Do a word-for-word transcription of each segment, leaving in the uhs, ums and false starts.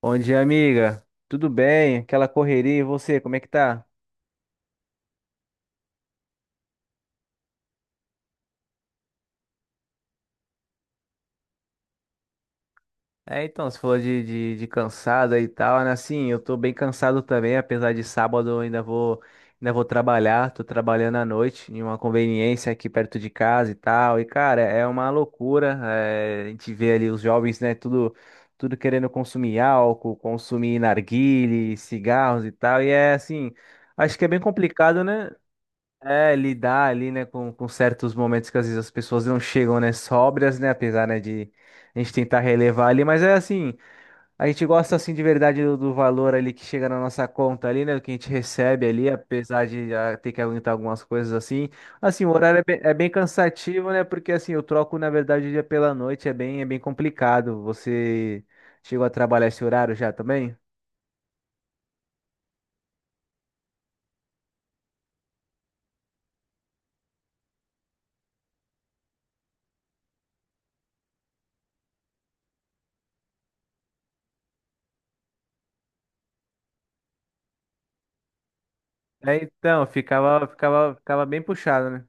Bom dia, amiga. Tudo bem? Aquela correria, e você, como é que tá? É, então, você falou de, de, de cansada e tal, né? Assim, eu tô bem cansado também, apesar de sábado eu ainda vou, ainda vou trabalhar, tô trabalhando à noite em uma conveniência aqui perto de casa e tal. E, cara, é uma loucura, é, a gente vê ali os jovens, né, tudo, tudo querendo consumir álcool, consumir narguile, cigarros e tal, e é assim, acho que é bem complicado, né? É, lidar ali, né, com, com certos momentos que às vezes as pessoas não chegam, né, sóbrias, né, apesar, né, de a gente tentar relevar ali, mas é assim, a gente gosta, assim, de verdade do, do valor ali que chega na nossa conta ali, né, do que a gente recebe ali, apesar de já ter que aguentar algumas coisas assim, assim, o horário é bem, é bem cansativo, né, porque, assim, eu troco, na verdade, o dia pela noite, é bem, é bem complicado, você chegou a trabalhar esse horário já também? É, então, ficava, ficava, ficava bem puxado, né?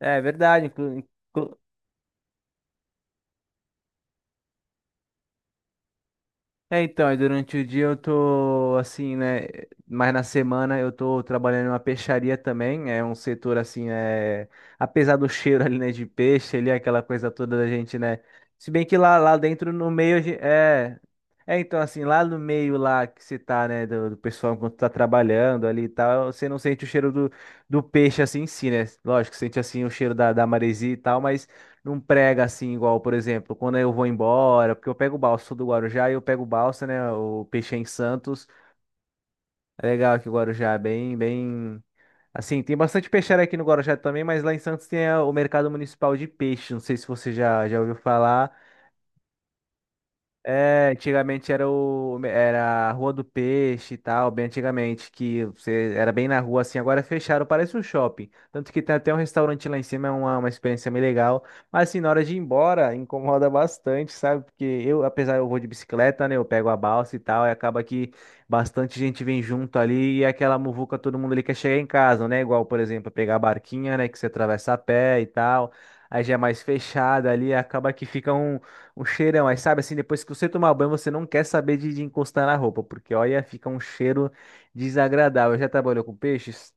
É verdade. inclu- inclu- É, então, aí durante o dia eu tô assim, né? Mas na semana eu tô trabalhando em uma peixaria também. É um setor assim, é, apesar do cheiro ali, né, de peixe, ali, aquela coisa toda da gente, né? Se bem que lá, lá dentro no meio a gen- é. É, então, assim, lá no meio lá que você tá, né, do, do pessoal enquanto tá trabalhando ali e tal, você não sente o cheiro do, do peixe assim em si, né? Lógico, sente assim o cheiro da, da maresia e tal, mas. Não prega assim, igual, por exemplo, quando eu vou embora, porque eu pego o balsa, sou do Guarujá e eu pego o balsa, né? O peixe é em Santos. É legal que o Guarujá é bem, bem. Assim, tem bastante peixeira aqui no Guarujá também, mas lá em Santos tem a- o mercado municipal de peixe. Não sei se você já, já ouviu falar. É, antigamente era o era a Rua do Peixe e tal, bem antigamente, que você era bem na rua assim, agora fecharam, parece um shopping. Tanto que tem até um restaurante lá em cima, é uma, uma experiência meio legal. Mas assim, na hora de ir embora, incomoda bastante, sabe? Porque eu, apesar eu vou de bicicleta, né? Eu pego a balsa e tal, e acaba que bastante gente vem junto ali e é aquela muvuca, todo mundo ali quer chegar em casa, né? Igual, por exemplo, pegar a barquinha, né? Que você atravessa a pé e tal. Aí já é mais fechada ali, acaba que ficam um cheirão, aí sabe assim, depois que você tomar banho, você não quer saber de, de encostar na roupa, porque olha, fica um cheiro desagradável. Já trabalhou com peixes?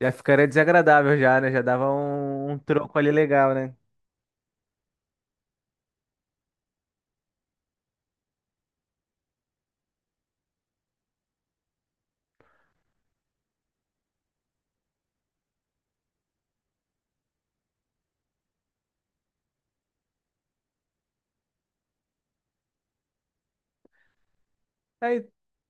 Já ficaria desagradável já, né? Já dava um, um troco ali legal, né? É,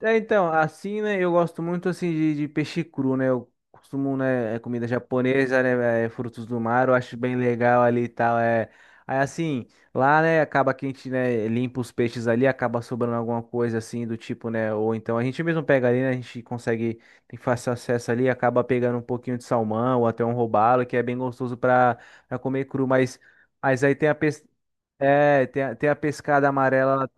é, então, assim, né, eu gosto muito, assim, de, de peixe cru, né, eu costumo, né, é comida japonesa, né, é, frutos do mar, eu acho bem legal ali e tal, é, aí, assim, lá, né, acaba que a gente, né, limpa os peixes ali, acaba sobrando alguma coisa, assim, do tipo, né, ou então a gente mesmo pega ali, né, a gente consegue, tem fácil acesso ali, acaba pegando um pouquinho de salmão, ou até um robalo, que é bem gostoso pra, pra comer cru, mas, mas aí tem a pes- É, tem a, tem a pescada amarela.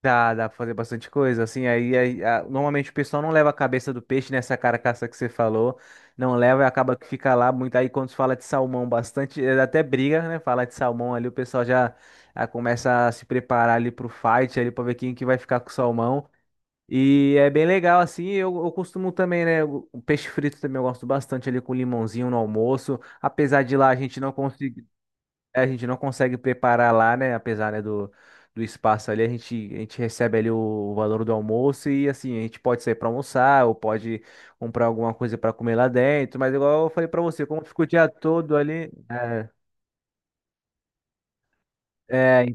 Dá, dá pra fazer bastante coisa, assim, aí, aí, a- normalmente o pessoal não leva a cabeça do peixe nessa carcaça que você falou, não leva e acaba que fica lá muito, aí quando se fala de salmão bastante, é, até briga, né, falar de salmão ali, o pessoal já, já começa a se preparar ali pro fight, ali pra ver quem que vai ficar com o salmão, e é bem legal, assim, eu, eu costumo também, né, o o peixe frito também eu gosto bastante ali com limãozinho no almoço, apesar de lá a gente não conseguir é, a gente não consegue preparar lá, né? Apesar, né, do, do espaço ali, a gente, a gente recebe ali o valor do almoço e assim, a gente pode sair para almoçar ou pode comprar alguma coisa para comer lá dentro, mas igual eu falei para você, como fica o dia todo ali, é, é,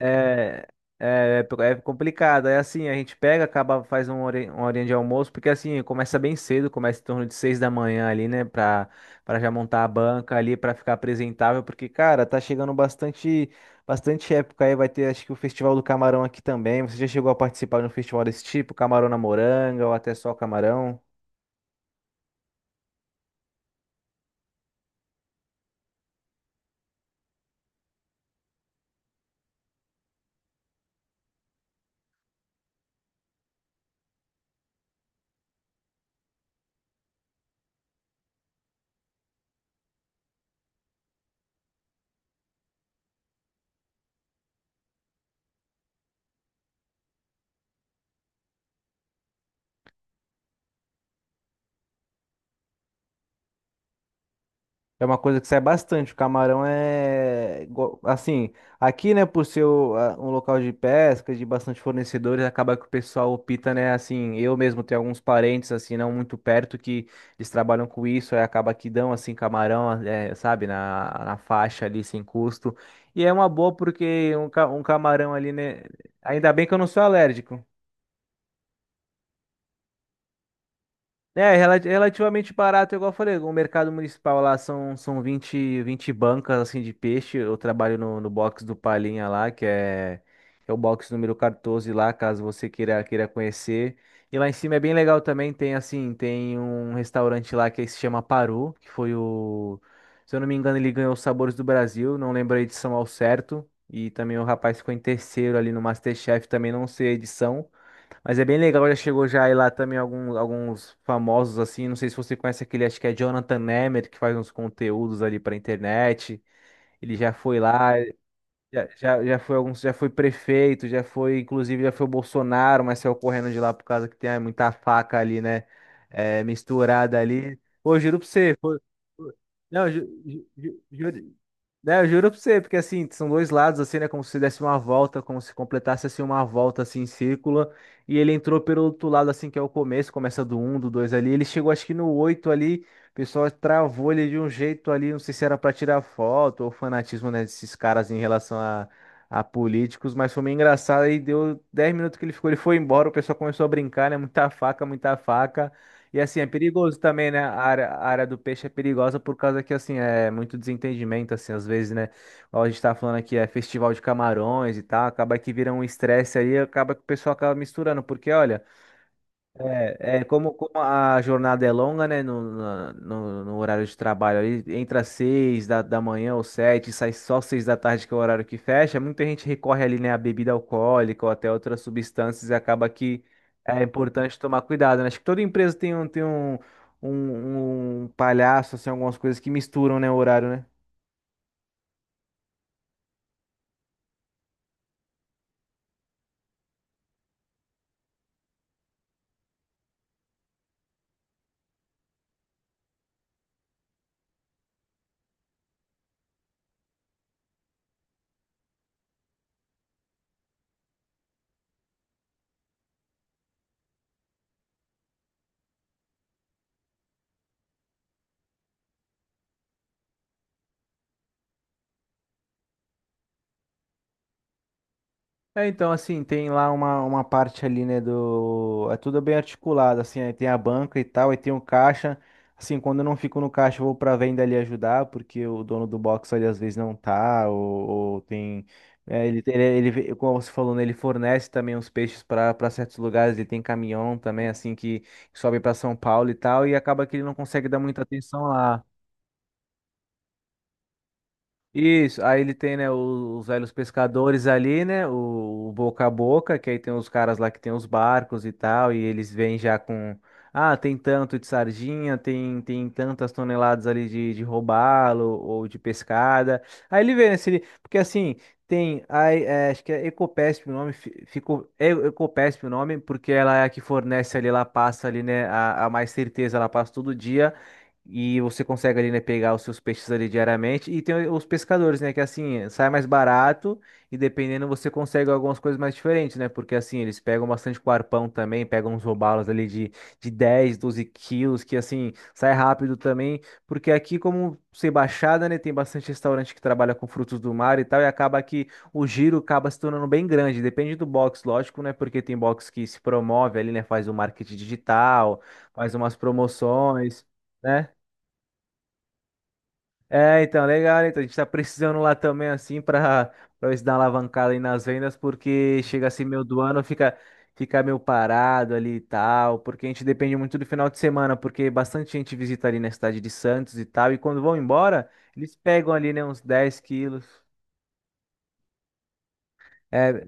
É, é, é é complicado. É assim, a gente pega, acaba, faz um hori- uma horinha de almoço, porque assim, começa bem cedo, começa em torno de seis da manhã ali, né? Pra, pra já montar a banca ali, pra ficar apresentável, porque, cara, tá chegando bastante, bastante época aí. Vai ter, acho que o Festival do Camarão aqui também. Você já chegou a participar de um festival desse tipo? Camarão na Moranga, ou até só camarão? É uma coisa que sai bastante. O camarão é. go- Assim, aqui, né, por ser o- a- um local de pesca, de bastante fornecedores, acaba que o pessoal opta, né, assim. Eu mesmo tenho alguns parentes, assim, não muito perto, que eles trabalham com isso, aí acaba que dão, assim, camarão, é, sabe, na, na faixa ali, sem custo. E é uma boa porque um, ca- um camarão ali, né. Ainda bem que eu não sou alérgico. É, rela- relativamente barato, igual eu falei, o mercado municipal lá são, são vinte vinte bancas assim de peixe. Eu trabalho no, no box do Palinha lá, que é, é o box número quatorze lá, caso você queira, queira conhecer. E lá em cima é bem legal também, tem assim, tem um restaurante lá que se chama Paru, que foi o, se eu não me engano, ele ganhou os Sabores do Brasil, não lembro a edição ao certo. E também o rapaz ficou em terceiro ali no MasterChef, também não sei a edição. Mas é bem legal, já chegou já aí lá também alguns, alguns famosos assim, não sei se você conhece aquele, acho que é Jonathan Nemeth, que faz uns conteúdos ali pra internet. Ele já foi lá, já, já, já foi alguns, já foi prefeito, já foi, inclusive, já foi o Bolsonaro, mas saiu correndo de lá por causa que tem ah, muita faca ali, né? É, misturada ali. Ô, juro pra você, foi, foi- não, ju, ju, ju- juro, né, eu juro pra você, porque assim, são dois lados, assim, né? Como se desse uma volta, como se completasse assim uma volta assim em círculo. E ele entrou pelo outro lado, assim, que é o começo, começa do um do dois ali. Ele chegou acho que no oito ali o pessoal travou ele de um jeito ali, não sei se era pra tirar foto ou fanatismo, né, desses caras em relação a, a políticos, mas foi meio engraçado. Aí deu dez minutos que ele ficou, ele foi embora, o pessoal começou a brincar, né? Muita faca, muita faca. E assim, é perigoso também, né? A área, a área do peixe é perigosa por causa que, assim, é muito desentendimento, assim, às vezes, né? Igual a gente tá falando aqui, é festival de camarões e tal, acaba que vira um estresse aí, acaba que o pessoal acaba misturando, porque, olha. É, é como, como a jornada é longa, né? No, na- no, no horário de trabalho ali, entra às seis da, da manhã ou sete, sai só seis da tarde, que é o horário que fecha. Muita gente recorre ali, né, à bebida alcoólica ou até outras substâncias e acaba que é importante tomar cuidado, né? Acho que toda empresa tem um, tem um, um, um palhaço, assim, algumas coisas que misturam, né, o horário, né? É, então, assim, tem lá uma, uma parte ali, né, do... É tudo bem articulado, assim, aí tem a banca e tal, aí tem o caixa. Assim, quando eu não fico no caixa, eu vou pra venda ali ajudar, porque o dono do box ali às vezes não tá, ou, ou tem... é, ele, ele, ele- como você falou, né, ele fornece também os peixes para para certos lugares, ele tem caminhão também, assim, que, que sobe para São Paulo e tal, e acaba que ele não consegue dar muita atenção lá. Isso, aí ele tem, né, o- os velhos pescadores ali, né, o, o boca a boca, que aí tem os caras lá que tem os barcos e tal, e eles vêm já com, ah, tem tanto de sardinha, tem, tem tantas toneladas ali de, de robalo ou de pescada. Aí ele vê, né, se ele, porque assim, tem, aí, é, acho que é Ecopesp o nome, fi- ficou, é Ecopesp o nome, porque ela é a que fornece ali, ela passa ali, né, a, a mais certeza, ela passa todo dia e você consegue ali, né, pegar os seus peixes ali diariamente. E tem os pescadores, né, que assim, sai mais barato e dependendo você consegue algumas coisas mais diferentes, né? Porque assim, eles pegam bastante com arpão também, pegam uns robalos ali de, de dez doze quilos, que assim, sai rápido também. Porque aqui, como ser baixada, né, tem bastante restaurante que trabalha com frutos do mar e tal, e acaba que o giro acaba se tornando bem grande. Depende do box, lógico, né? Porque tem box que se promove ali, né, faz o marketing digital, faz umas promoções. Né? É, então, legal, então a gente tá precisando lá também, assim, pra, pra ver se dá uma alavancada aí nas vendas, porque chega assim meio do ano, fica, fica meio parado ali e tal, porque a gente depende muito do final de semana, porque bastante gente visita ali na cidade de Santos e tal, e quando vão embora, eles pegam ali, né, uns dez quilos. É,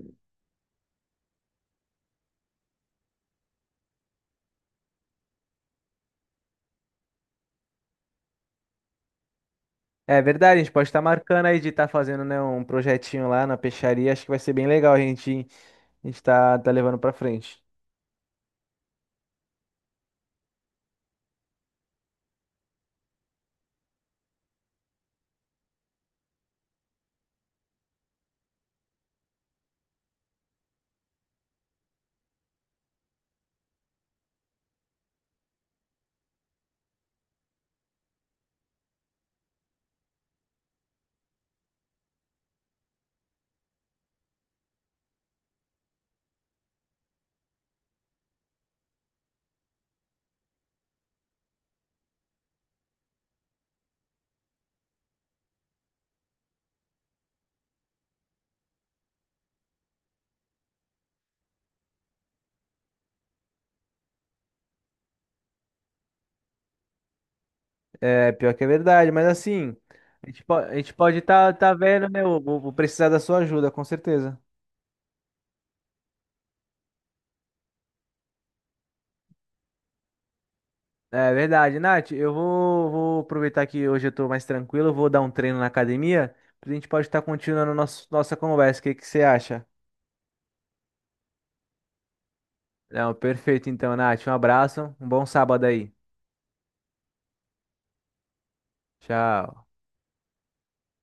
é verdade, a gente pode estar marcando aí de estar fazendo, né, um projetinho lá na peixaria, acho que vai ser bem legal a gente, a gente tá, tá levando pra frente. É, pior que é verdade, mas assim, a gente po- a gente pode estar tá, tá vendo, né? Eu vou, vou precisar da sua ajuda, com certeza. É verdade, Nath. Eu vou, vou aproveitar que hoje eu tô mais tranquilo, eu vou dar um treino na academia, a gente pode estar continuando nosso, nossa conversa. O que que você acha? Não, perfeito então, Nath. Um abraço, um bom sábado aí. Tchau.